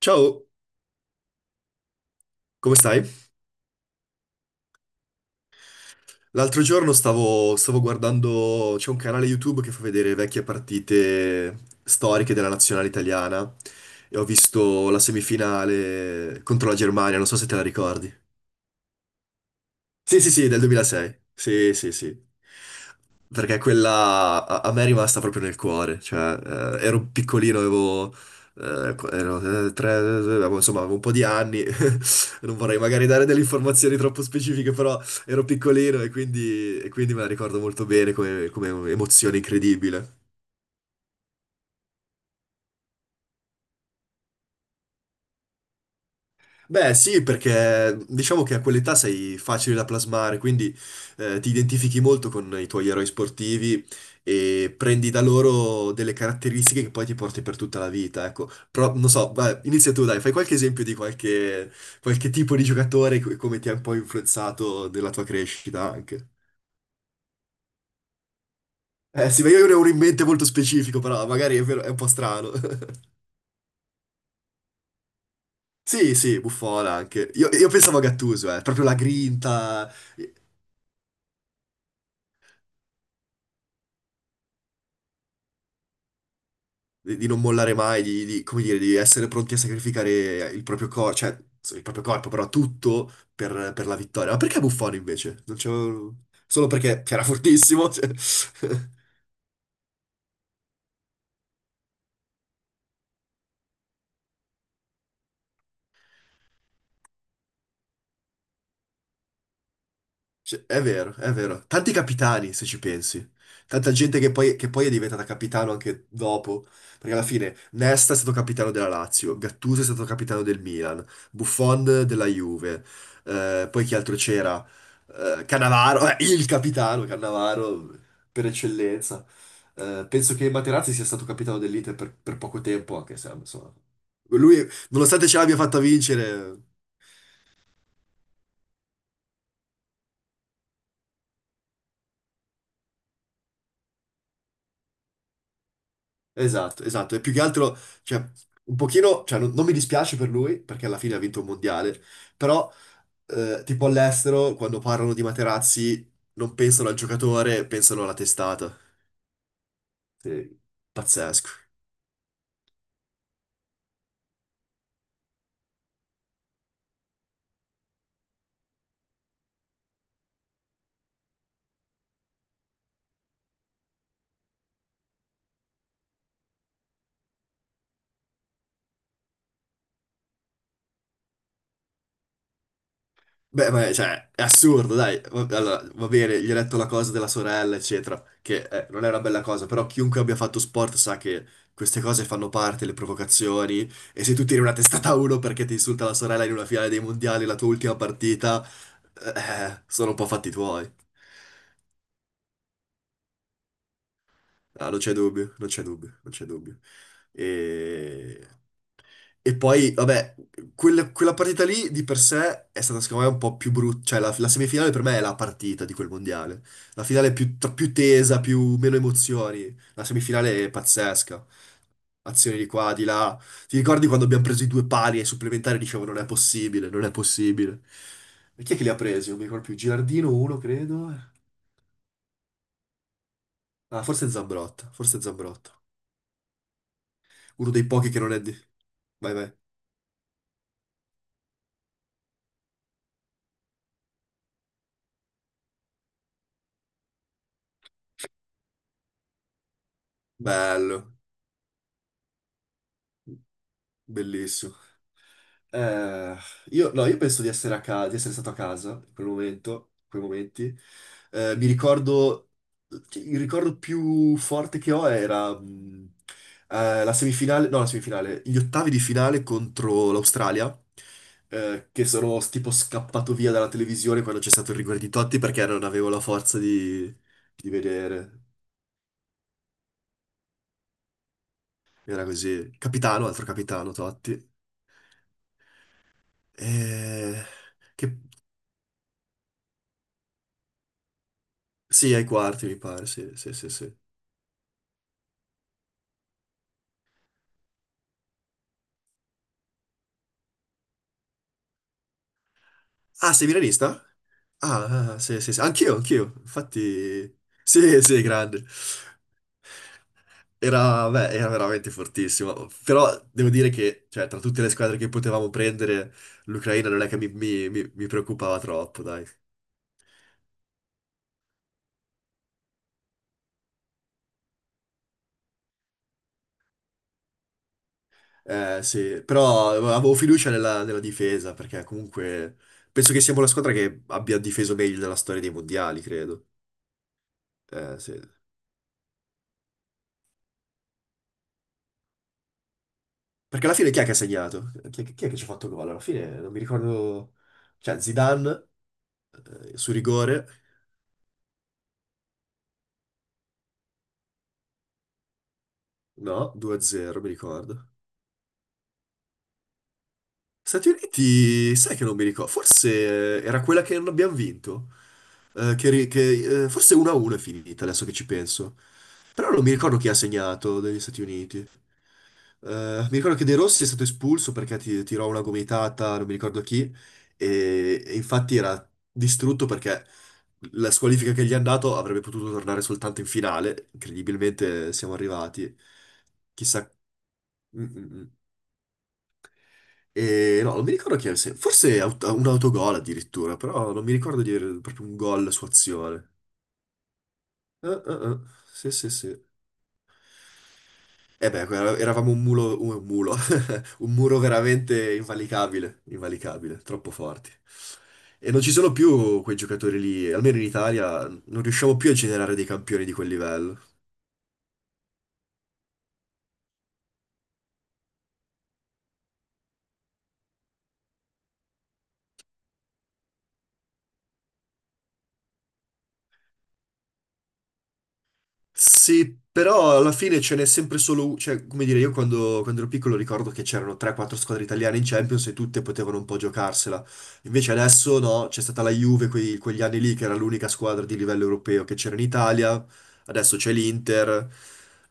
Ciao, come stai? L'altro giorno stavo guardando, c'è un canale YouTube che fa vedere vecchie partite storiche della nazionale italiana e ho visto la semifinale contro la Germania, non so se te la ricordi. Sì, sì, sì, del 2006. Sì, sì, sì. Perché quella a me è rimasta proprio nel cuore, cioè ero piccolino, avevo, insomma avevo un po' di anni. Non vorrei magari dare delle informazioni troppo specifiche, però ero piccolino e quindi me la ricordo molto bene come, come emozione incredibile. Beh, sì, perché diciamo che a quell'età sei facile da plasmare, quindi ti identifichi molto con i tuoi eroi sportivi e prendi da loro delle caratteristiche che poi ti porti per tutta la vita, ecco. Però, non so, vai, inizia tu, dai, fai qualche esempio di qualche, qualche tipo di giocatore e come ti ha un po' influenzato nella tua crescita anche. Eh sì, ma io ne ho uno in mente molto specifico, però è un po' strano. Sì, sì, Buffon anche. Io pensavo a Gattuso, proprio la grinta. Di non mollare mai, come dire, di essere pronti a sacrificare il proprio corpo, il proprio corpo, però tutto per la vittoria. Ma perché Buffon invece? Non c'è. Solo perché era fortissimo, cioè. Cioè, è vero, è vero. Tanti capitani, se ci pensi. Tanta gente che poi è diventata capitano anche dopo. Perché alla fine Nesta è stato capitano della Lazio, Gattuso è stato capitano del Milan, Buffon della Juve. Poi chi altro c'era? Cannavaro, il capitano Cannavaro per eccellenza. Penso che Materazzi sia stato capitano dell'Inter per poco tempo, anche se insomma. Lui, nonostante ce l'abbia fatta vincere. Esatto, esatto. E più che altro, cioè, un pochino, cioè, non mi dispiace per lui, perché alla fine ha vinto un mondiale, però, tipo all'estero, quando parlano di Materazzi, non pensano al giocatore, pensano alla testata. Sì, pazzesco. Cioè, è assurdo, dai. Allora, va bene, gli ho detto la cosa della sorella, eccetera, che non è una bella cosa, però chiunque abbia fatto sport sa che queste cose fanno parte, le provocazioni, e se tu tiri una testata a uno perché ti insulta la sorella in una finale dei mondiali, la tua ultima partita, sono un po' fatti tuoi. Ah, non c'è dubbio, non c'è dubbio, non c'è dubbio. E... E poi, vabbè, quella partita lì di per sé è stata secondo me un po' più brutta, cioè la semifinale per me è la partita di quel mondiale, la finale è più, più tesa, più, meno emozioni, la semifinale è pazzesca, azioni di qua, di là, ti ricordi quando abbiamo preso i due pali ai supplementari e dicevo non è possibile, non è possibile, e chi è che li ha presi? Non mi ricordo più, Gilardino uno credo, ah forse Zambrotta, uno dei pochi che non è di... Vai vai, bello, bellissimo. Eh, io, no, io penso di essere, di essere stato a casa in quel momento, in quei momenti. Mi ricordo, cioè, il ricordo più forte che ho era la semifinale, no, la semifinale, gli ottavi di finale contro l'Australia, che sono tipo scappato via dalla televisione quando c'è stato il rigore di Totti perché non avevo la forza di vedere. Era così. Capitano, altro capitano Totti. Eh, che... Sì, ai quarti mi pare, sì, sì, sì, sì. Ah, sei milanista? Ah, ah, sì, sì, sì. Anch'io, anch'io. Infatti, sì, sì, grande. Era, beh, era veramente fortissimo. Però devo dire che, cioè, tra tutte le squadre che potevamo prendere, l'Ucraina non è che mi preoccupava troppo, dai. Sì, però avevo fiducia nella difesa, perché comunque penso che siamo la squadra che abbia difeso meglio nella storia dei mondiali, credo. Sì. Perché alla fine chi è che ha segnato? Chi è che ci ha fatto gol? Alla fine non mi ricordo. Cioè, Zidane, su rigore, no, 2-0, mi ricordo. Stati Uniti, sai che non mi ricordo, forse era quella che non abbiamo vinto. Forse 1-1 è finita, adesso che ci penso. Però non mi ricordo chi ha segnato degli Stati Uniti. Mi ricordo che De Rossi è stato espulso perché tirò una gomitata, non mi ricordo chi, e infatti era distrutto perché la squalifica che gli hanno dato avrebbe potuto tornare soltanto in finale. Incredibilmente siamo arrivati. Chissà. Mm, mm, mm. E no, non mi ricordo chi è, un autogol addirittura, però non mi ricordo di avere proprio un gol su azione. Eh. Sì, sì, sì. E beh, eravamo un mulo, un muro veramente invalicabile, invalicabile, troppo forti. E non ci sono più quei giocatori lì, almeno in Italia non riusciamo più a generare dei campioni di quel livello. Sì, però alla fine ce n'è sempre solo uno, cioè, come dire, io quando ero piccolo ricordo che c'erano 3-4 squadre italiane in Champions e tutte potevano un po' giocarsela. Invece adesso no, c'è stata la Juve quegli anni lì che era l'unica squadra di livello europeo che c'era in Italia, adesso c'è l'Inter,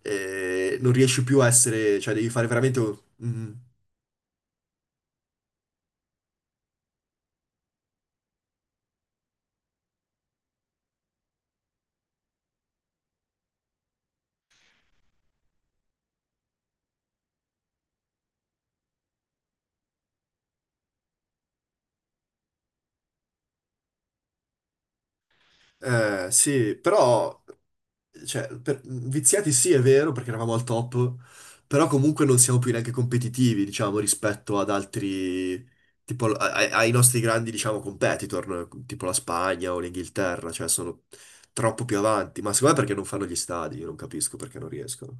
e non riesci più a essere, cioè devi fare veramente... mm, sì, però, cioè, viziati sì, è vero, perché eravamo al top, però comunque non siamo più neanche competitivi, diciamo, rispetto ad altri, tipo, ai nostri grandi, diciamo, competitor, no? Tipo la Spagna o l'Inghilterra, cioè, sono troppo più avanti. Ma secondo me perché non fanno gli stadi, io non capisco perché non riescono.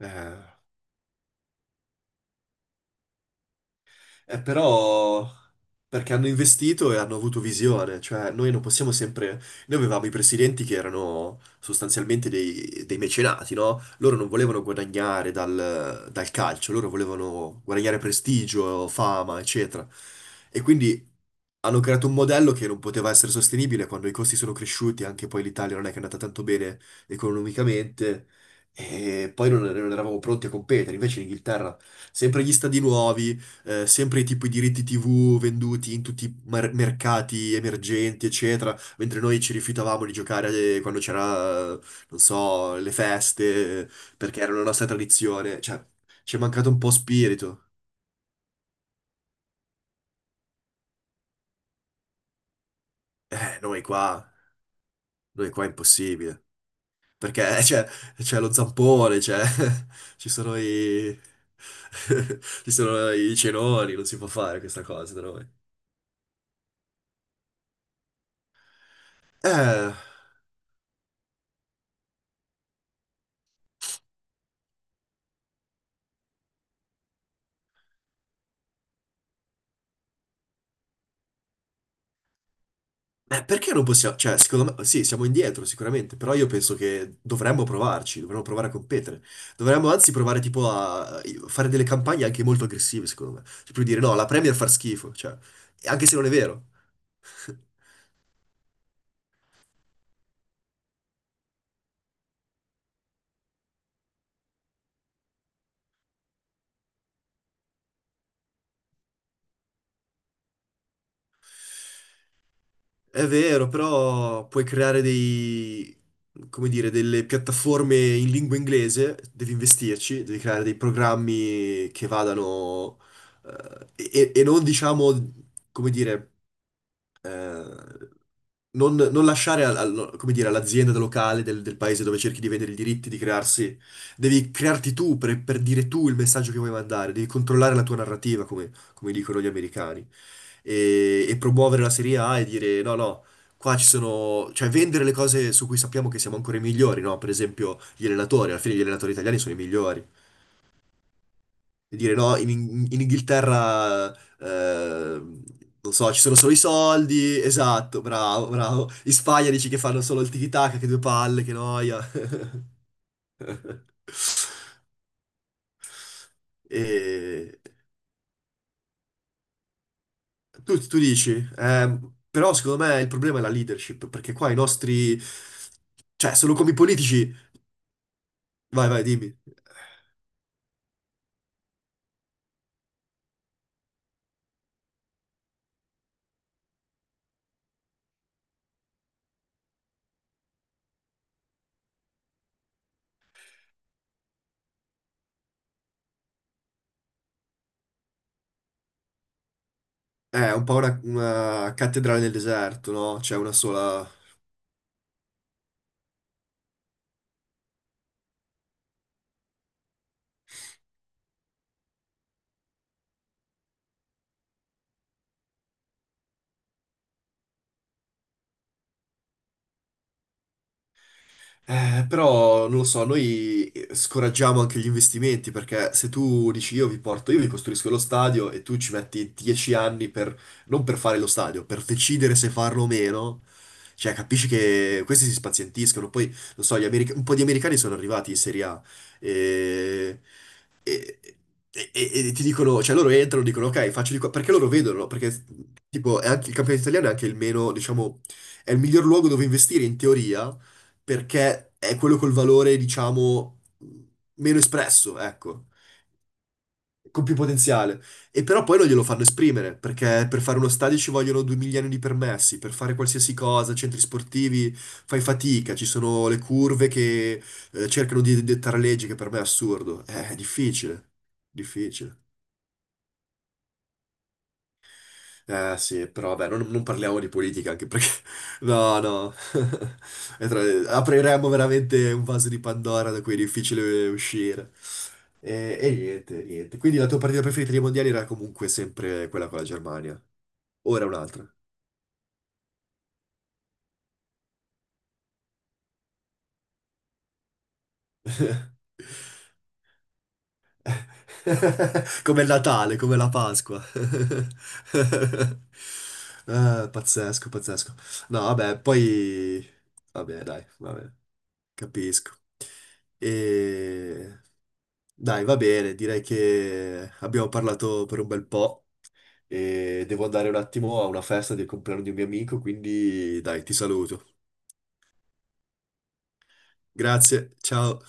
Eh. Però perché hanno investito e hanno avuto visione, cioè noi non possiamo sempre. Noi avevamo i presidenti che erano sostanzialmente dei mecenati, no? Loro non volevano guadagnare dal calcio, loro volevano guadagnare prestigio, fama, eccetera. E quindi hanno creato un modello che non poteva essere sostenibile quando i costi sono cresciuti, anche poi l'Italia non è che è andata tanto bene economicamente, e poi non eravamo pronti a competere, invece l'Inghilterra sempre gli stadi nuovi, sempre tipo i diritti TV venduti in tutti i mercati emergenti, eccetera, mentre noi ci rifiutavamo di giocare quando c'era, non so, le feste, perché era la nostra tradizione. Cioè, ci è mancato un po' spirito. Eh, noi qua, noi qua è impossibile. Perché c'è lo zampone, c'è, ci sono i, ci sono i cenoni, non si può fare questa cosa da noi. Eh... perché non possiamo? Cioè, secondo me, sì, siamo indietro sicuramente, però io penso che dovremmo provarci, dovremmo provare a competere. Dovremmo anzi provare tipo a fare delle campagne anche molto aggressive, secondo me. Cioè, più dire no, la Premier fa schifo, cioè, anche se non è vero. È vero, però puoi creare dei, come dire, delle piattaforme in lingua inglese, devi investirci, devi creare dei programmi che vadano, e non diciamo, come dire, eh, non lasciare no, come dire, all'azienda locale del paese dove cerchi di vendere i diritti di crearsi, devi crearti tu per dire tu il messaggio che vuoi mandare, devi controllare la tua narrativa, come dicono gli americani e promuovere la Serie A e dire no, no, qua ci sono, cioè vendere le cose su cui sappiamo che siamo ancora i migliori, no? Per esempio gli allenatori, alla fine gli allenatori italiani sono i migliori. E dire no, in, in Inghilterra, eh, non so, ci sono solo i soldi, esatto, bravo, bravo. In Spagna dici che fanno solo il tiki-taka, che due palle, che noia. E tu dici, eh, però secondo me il problema è la leadership, perché qua i nostri, cioè sono come i politici. Vai, vai, dimmi. È un po' una cattedrale nel deserto, no? C'è una sola. Però non lo so, noi scoraggiamo anche gli investimenti perché se tu dici io vi porto, io vi costruisco lo stadio e tu ci metti 10 anni per, non per fare lo stadio, per decidere se farlo o meno, cioè capisci che questi si spazientiscono. Poi, non so, un po' di americani sono arrivati in Serie A e, e- e ti dicono, cioè loro entrano, e dicono ok, faccio di qua, perché loro vedono, no? Perché tipo è anche, il campionato italiano è anche il meno, diciamo, è il miglior luogo dove investire in teoria perché è quello col valore, diciamo, meno espresso, ecco, con più potenziale. E però poi non glielo fanno esprimere, perché per fare uno stadio ci vogliono 2 milioni di permessi, per fare qualsiasi cosa, centri sportivi, fai fatica, ci sono le curve che cercano di dettare leggi, che per me è assurdo. È difficile, difficile. Eh sì, però vabbè, non parliamo di politica anche perché... No, no. E apriremmo veramente un vaso di Pandora da cui è difficile uscire. E niente, niente. Quindi la tua partita preferita dei mondiali era comunque sempre quella con la Germania. Ora un'altra. Come il Natale, come la Pasqua. Pazzesco, pazzesco. No, vabbè, poi... Vabbè, dai, vabbè. Capisco. E... Dai, va bene, direi che abbiamo parlato per un bel po' e devo andare un attimo a una festa del compleanno di un mio amico, quindi dai, ti saluto. Grazie, ciao.